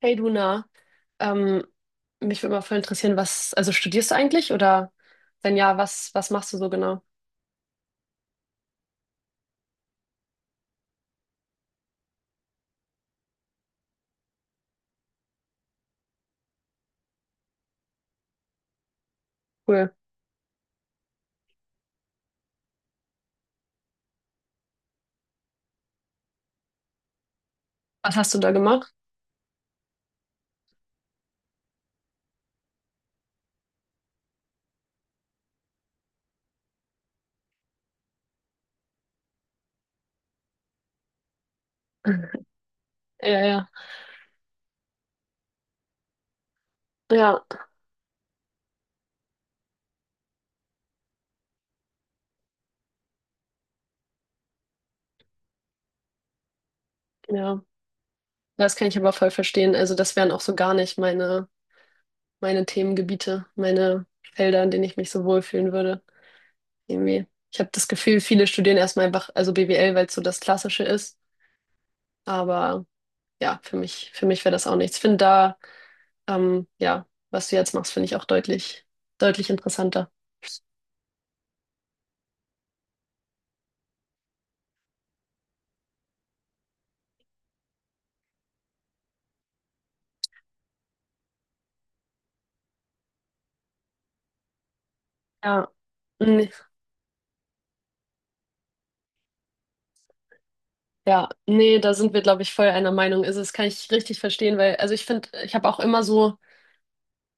Hey Luna, ähm, mich würde mal voll interessieren, was, also studierst du eigentlich oder wenn ja, was, machst du so genau? Cool. Was hast du da gemacht? Ja, ja, ja, ja. Das kann ich aber voll verstehen. Also das wären auch so gar nicht meine Themengebiete, meine Felder, in denen ich mich so wohlfühlen würde. Irgendwie. Ich habe das Gefühl, viele studieren erstmal einfach, also BWL, weil es so das Klassische ist. Aber ja, für mich wäre das auch nichts. Ich finde da, ja, was du jetzt machst, finde ich auch deutlich interessanter. Ja, nee, ja, nee, da sind wir, glaube ich, voll einer Meinung. Also, das kann ich richtig verstehen, weil, also ich finde, ich habe auch immer so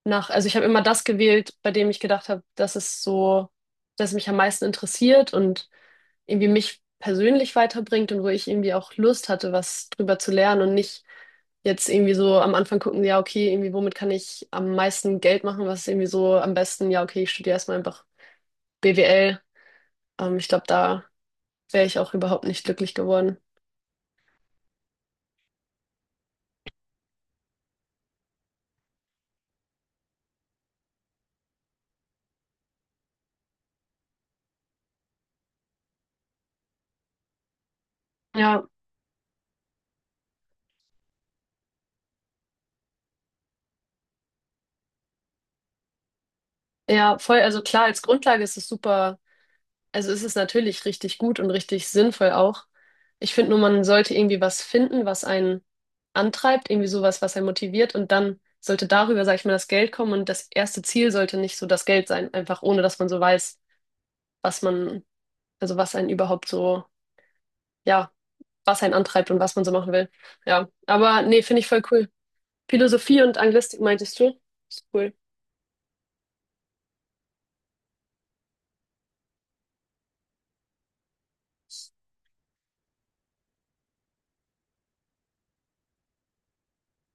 also ich habe immer das gewählt, bei dem ich gedacht habe, dass es mich am meisten interessiert und irgendwie mich persönlich weiterbringt und wo ich irgendwie auch Lust hatte, was drüber zu lernen und nicht jetzt irgendwie so am Anfang gucken, ja, okay, irgendwie, womit kann ich am meisten Geld machen, was ist irgendwie so am besten, ja, okay, ich studiere erstmal einfach BWL. Ich glaube, da wäre ich auch überhaupt nicht glücklich geworden. Ja. Ja, voll, also klar, als Grundlage ist es super, also ist es natürlich richtig gut und richtig sinnvoll auch. Ich finde nur, man sollte irgendwie was finden, was einen antreibt, irgendwie sowas, was einen motiviert und dann sollte darüber, sag ich mal, das Geld kommen und das erste Ziel sollte nicht so das Geld sein, einfach ohne, dass man so weiß, was man, also was einen überhaupt so, ja, was einen antreibt und was man so machen will. Ja, aber nee, finde ich voll cool. Philosophie und Anglistik meintest du? Ist cool.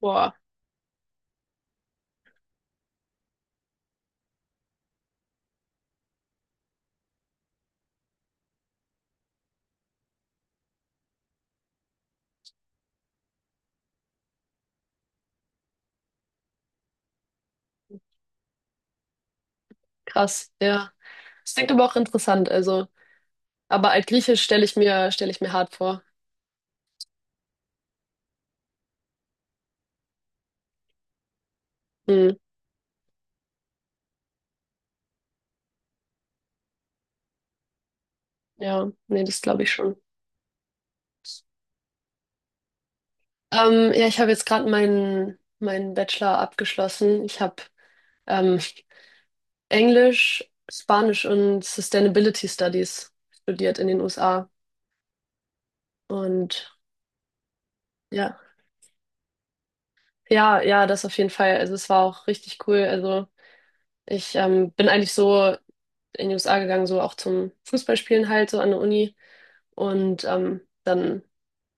Boah, krass, ja. Das klingt aber auch interessant, also. Aber Altgriechisch stelle ich mir hart vor. Hm, ja, nee, das glaube ich schon. Ja, ich habe jetzt gerade meinen Bachelor abgeschlossen. Ich habe ähm, Englisch, Spanisch und Sustainability Studies studiert in den USA. Und ja, ja, ja, das auf jeden Fall. Also es war auch richtig cool. Also ich bin eigentlich so in die USA gegangen, so auch zum Fußballspielen halt, so an der Uni. Und dann,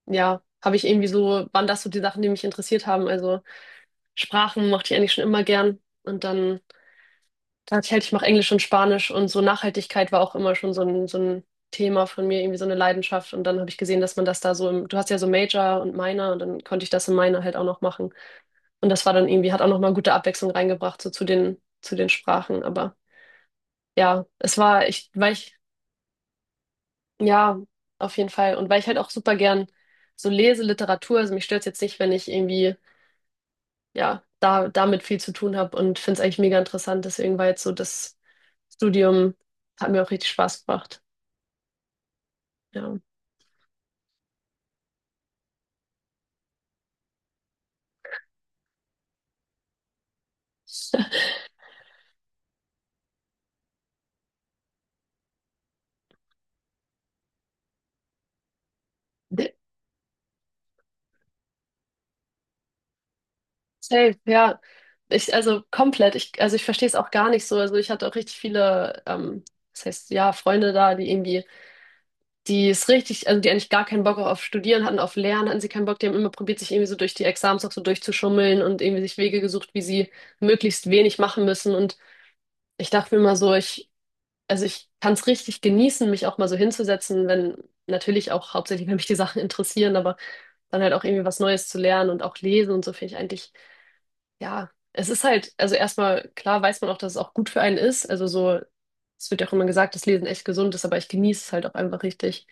ja, habe ich irgendwie so, waren das so die Sachen, die mich interessiert haben. Also Sprachen mochte ich eigentlich schon immer gern. Und dann dachte ich halt, ich mache Englisch und Spanisch und so Nachhaltigkeit war auch immer schon so so ein Thema von mir, irgendwie so eine Leidenschaft. Und dann habe ich gesehen, dass man das da so im, du hast ja so Major und Minor und dann konnte ich das im Minor halt auch noch machen. Und das war dann irgendwie, hat auch nochmal gute Abwechslung reingebracht, so zu zu den Sprachen. Aber ja, es war, ich, weil ich, ja, auf jeden Fall. Und weil ich halt auch super gern so lese, Literatur, also mich stört es jetzt nicht, wenn ich irgendwie ja, da, damit viel zu tun habe und finde es eigentlich mega interessant. Deswegen war jetzt so das Studium, hat mir auch richtig Spaß gemacht. Ja. De- Safe, ja. Ich, also komplett, ich, also ich verstehe es auch gar nicht so. Also ich hatte auch richtig viele, das heißt, ja, Freunde da, die irgendwie, die es richtig, also die eigentlich gar keinen Bock auf Studieren hatten, auf Lernen hatten sie keinen Bock, die haben immer probiert, sich irgendwie so durch die Exams auch so durchzuschummeln und irgendwie sich Wege gesucht, wie sie möglichst wenig machen müssen. Und ich dachte mir immer so, ich Also ich kann es richtig genießen, mich auch mal so hinzusetzen, wenn natürlich auch hauptsächlich, wenn mich die Sachen interessieren, aber dann halt auch irgendwie was Neues zu lernen und auch lesen und so finde ich eigentlich, ja, es ist halt, also erstmal klar weiß man auch, dass es auch gut für einen ist. Also so, es wird ja auch immer gesagt, dass Lesen echt gesund ist, aber ich genieße es halt auch einfach richtig.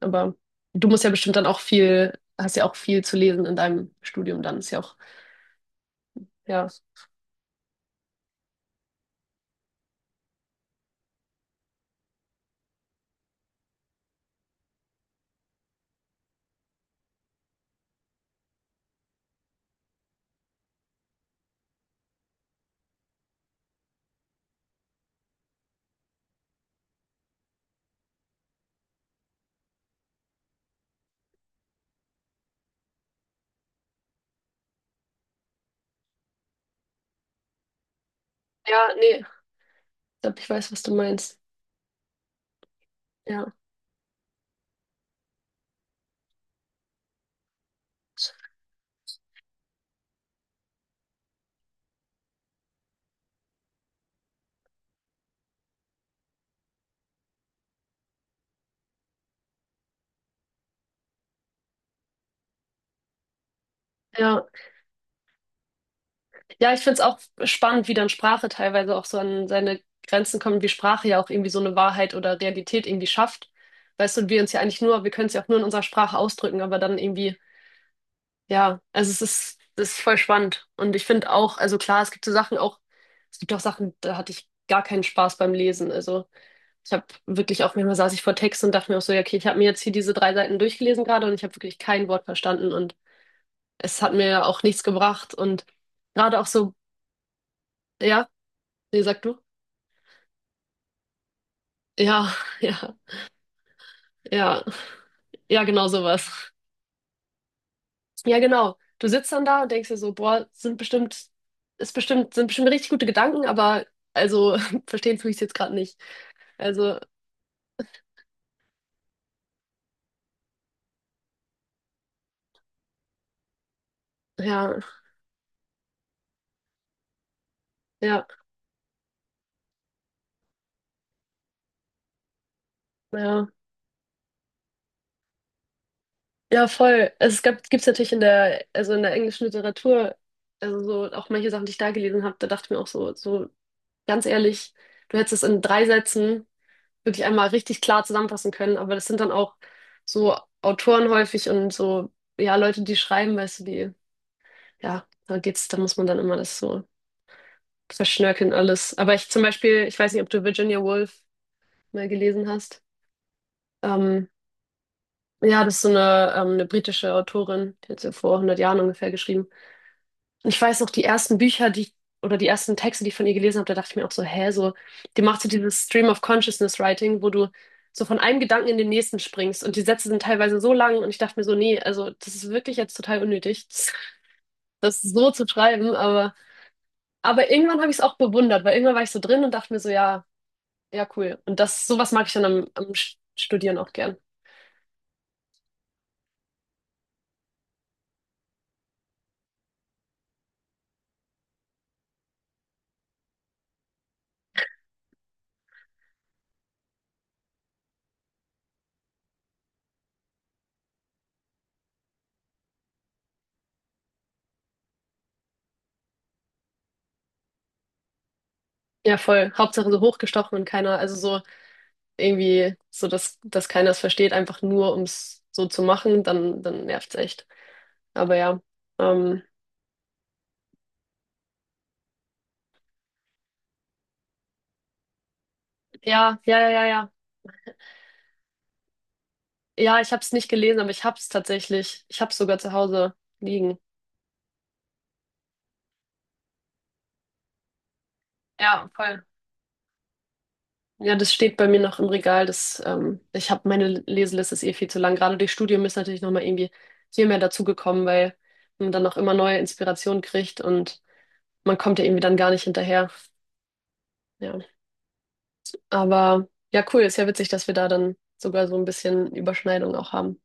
Aber du musst ja bestimmt dann auch viel, hast ja auch viel zu lesen in deinem Studium, dann ist ja auch, ja. Ja, nee, ich glaube, ich weiß, was du meinst. Ja. Ja. Ja, ich find's auch spannend, wie dann Sprache teilweise auch so an seine Grenzen kommt, wie Sprache ja auch irgendwie so eine Wahrheit oder Realität irgendwie schafft. Weißt du, und wir uns ja eigentlich nur, wir können es ja auch nur in unserer Sprache ausdrücken, aber dann irgendwie, ja, also es ist voll spannend. Und ich finde auch, also klar, es gibt so Sachen auch, es gibt auch Sachen, da hatte ich gar keinen Spaß beim Lesen. Also ich habe wirklich auch manchmal saß ich vor Text und dachte mir auch so, ja, okay, ich habe mir jetzt hier diese drei Seiten durchgelesen gerade und ich habe wirklich kein Wort verstanden und es hat mir auch nichts gebracht. Und gerade auch so, ja, nee, sag du. Ja, ja, ja. Ja, genau sowas. Ja, genau. Du sitzt dann da und denkst dir so, boah, sind bestimmt richtig gute Gedanken, aber also verstehen tue ich es jetzt gerade nicht. Also, ja, ja, ja. Ja, voll. Also, gibt's natürlich in der, also in der englischen Literatur, also so auch manche Sachen, die ich da gelesen habe, da dachte ich mir auch so, so ganz ehrlich, du hättest es in drei Sätzen wirklich einmal richtig klar zusammenfassen können. Aber das sind dann auch so Autoren häufig und so, ja, Leute, die schreiben, weißt du, die, ja, da geht's, da muss man dann immer das so verschnörkeln alles. Aber ich zum Beispiel, ich weiß nicht, ob du Virginia Woolf mal gelesen hast. Ähm, ja, das ist so eine britische Autorin, die hat so vor 100 Jahren ungefähr geschrieben. Ich weiß noch, die ersten Bücher, die ich, oder die ersten Texte, die ich von ihr gelesen habe, da dachte ich mir auch so, hä, so, die macht so dieses Stream of Consciousness Writing, wo du so von einem Gedanken in den nächsten springst und die Sätze sind teilweise so lang und ich dachte mir so, nee, also das ist wirklich jetzt total unnötig, das so zu schreiben, aber irgendwann habe ich es auch bewundert, weil irgendwann war ich so drin und dachte mir so, ja, ja, cool. Und das, sowas mag ich dann am Studieren auch gern. Ja, voll. Hauptsache so hochgestochen und keiner, also so. Irgendwie so, dass keiner es versteht, einfach nur um es so zu machen, dann nervt's echt. Aber ja. Ähm, ja, ja, ja, ja, ja. Ja, ich habe es nicht gelesen, aber ich hab's tatsächlich. Ich hab's sogar zu Hause liegen. Ja, voll. Ja, das steht bei mir noch im Regal. Das, ich habe meine Leseliste ist eh viel zu lang. Gerade durch Studium ist natürlich nochmal irgendwie viel mehr dazugekommen, weil man dann auch immer neue Inspirationen kriegt und man kommt ja irgendwie dann gar nicht hinterher. Ja. Aber ja, cool, ist ja witzig, dass wir da dann sogar so ein bisschen Überschneidung auch haben.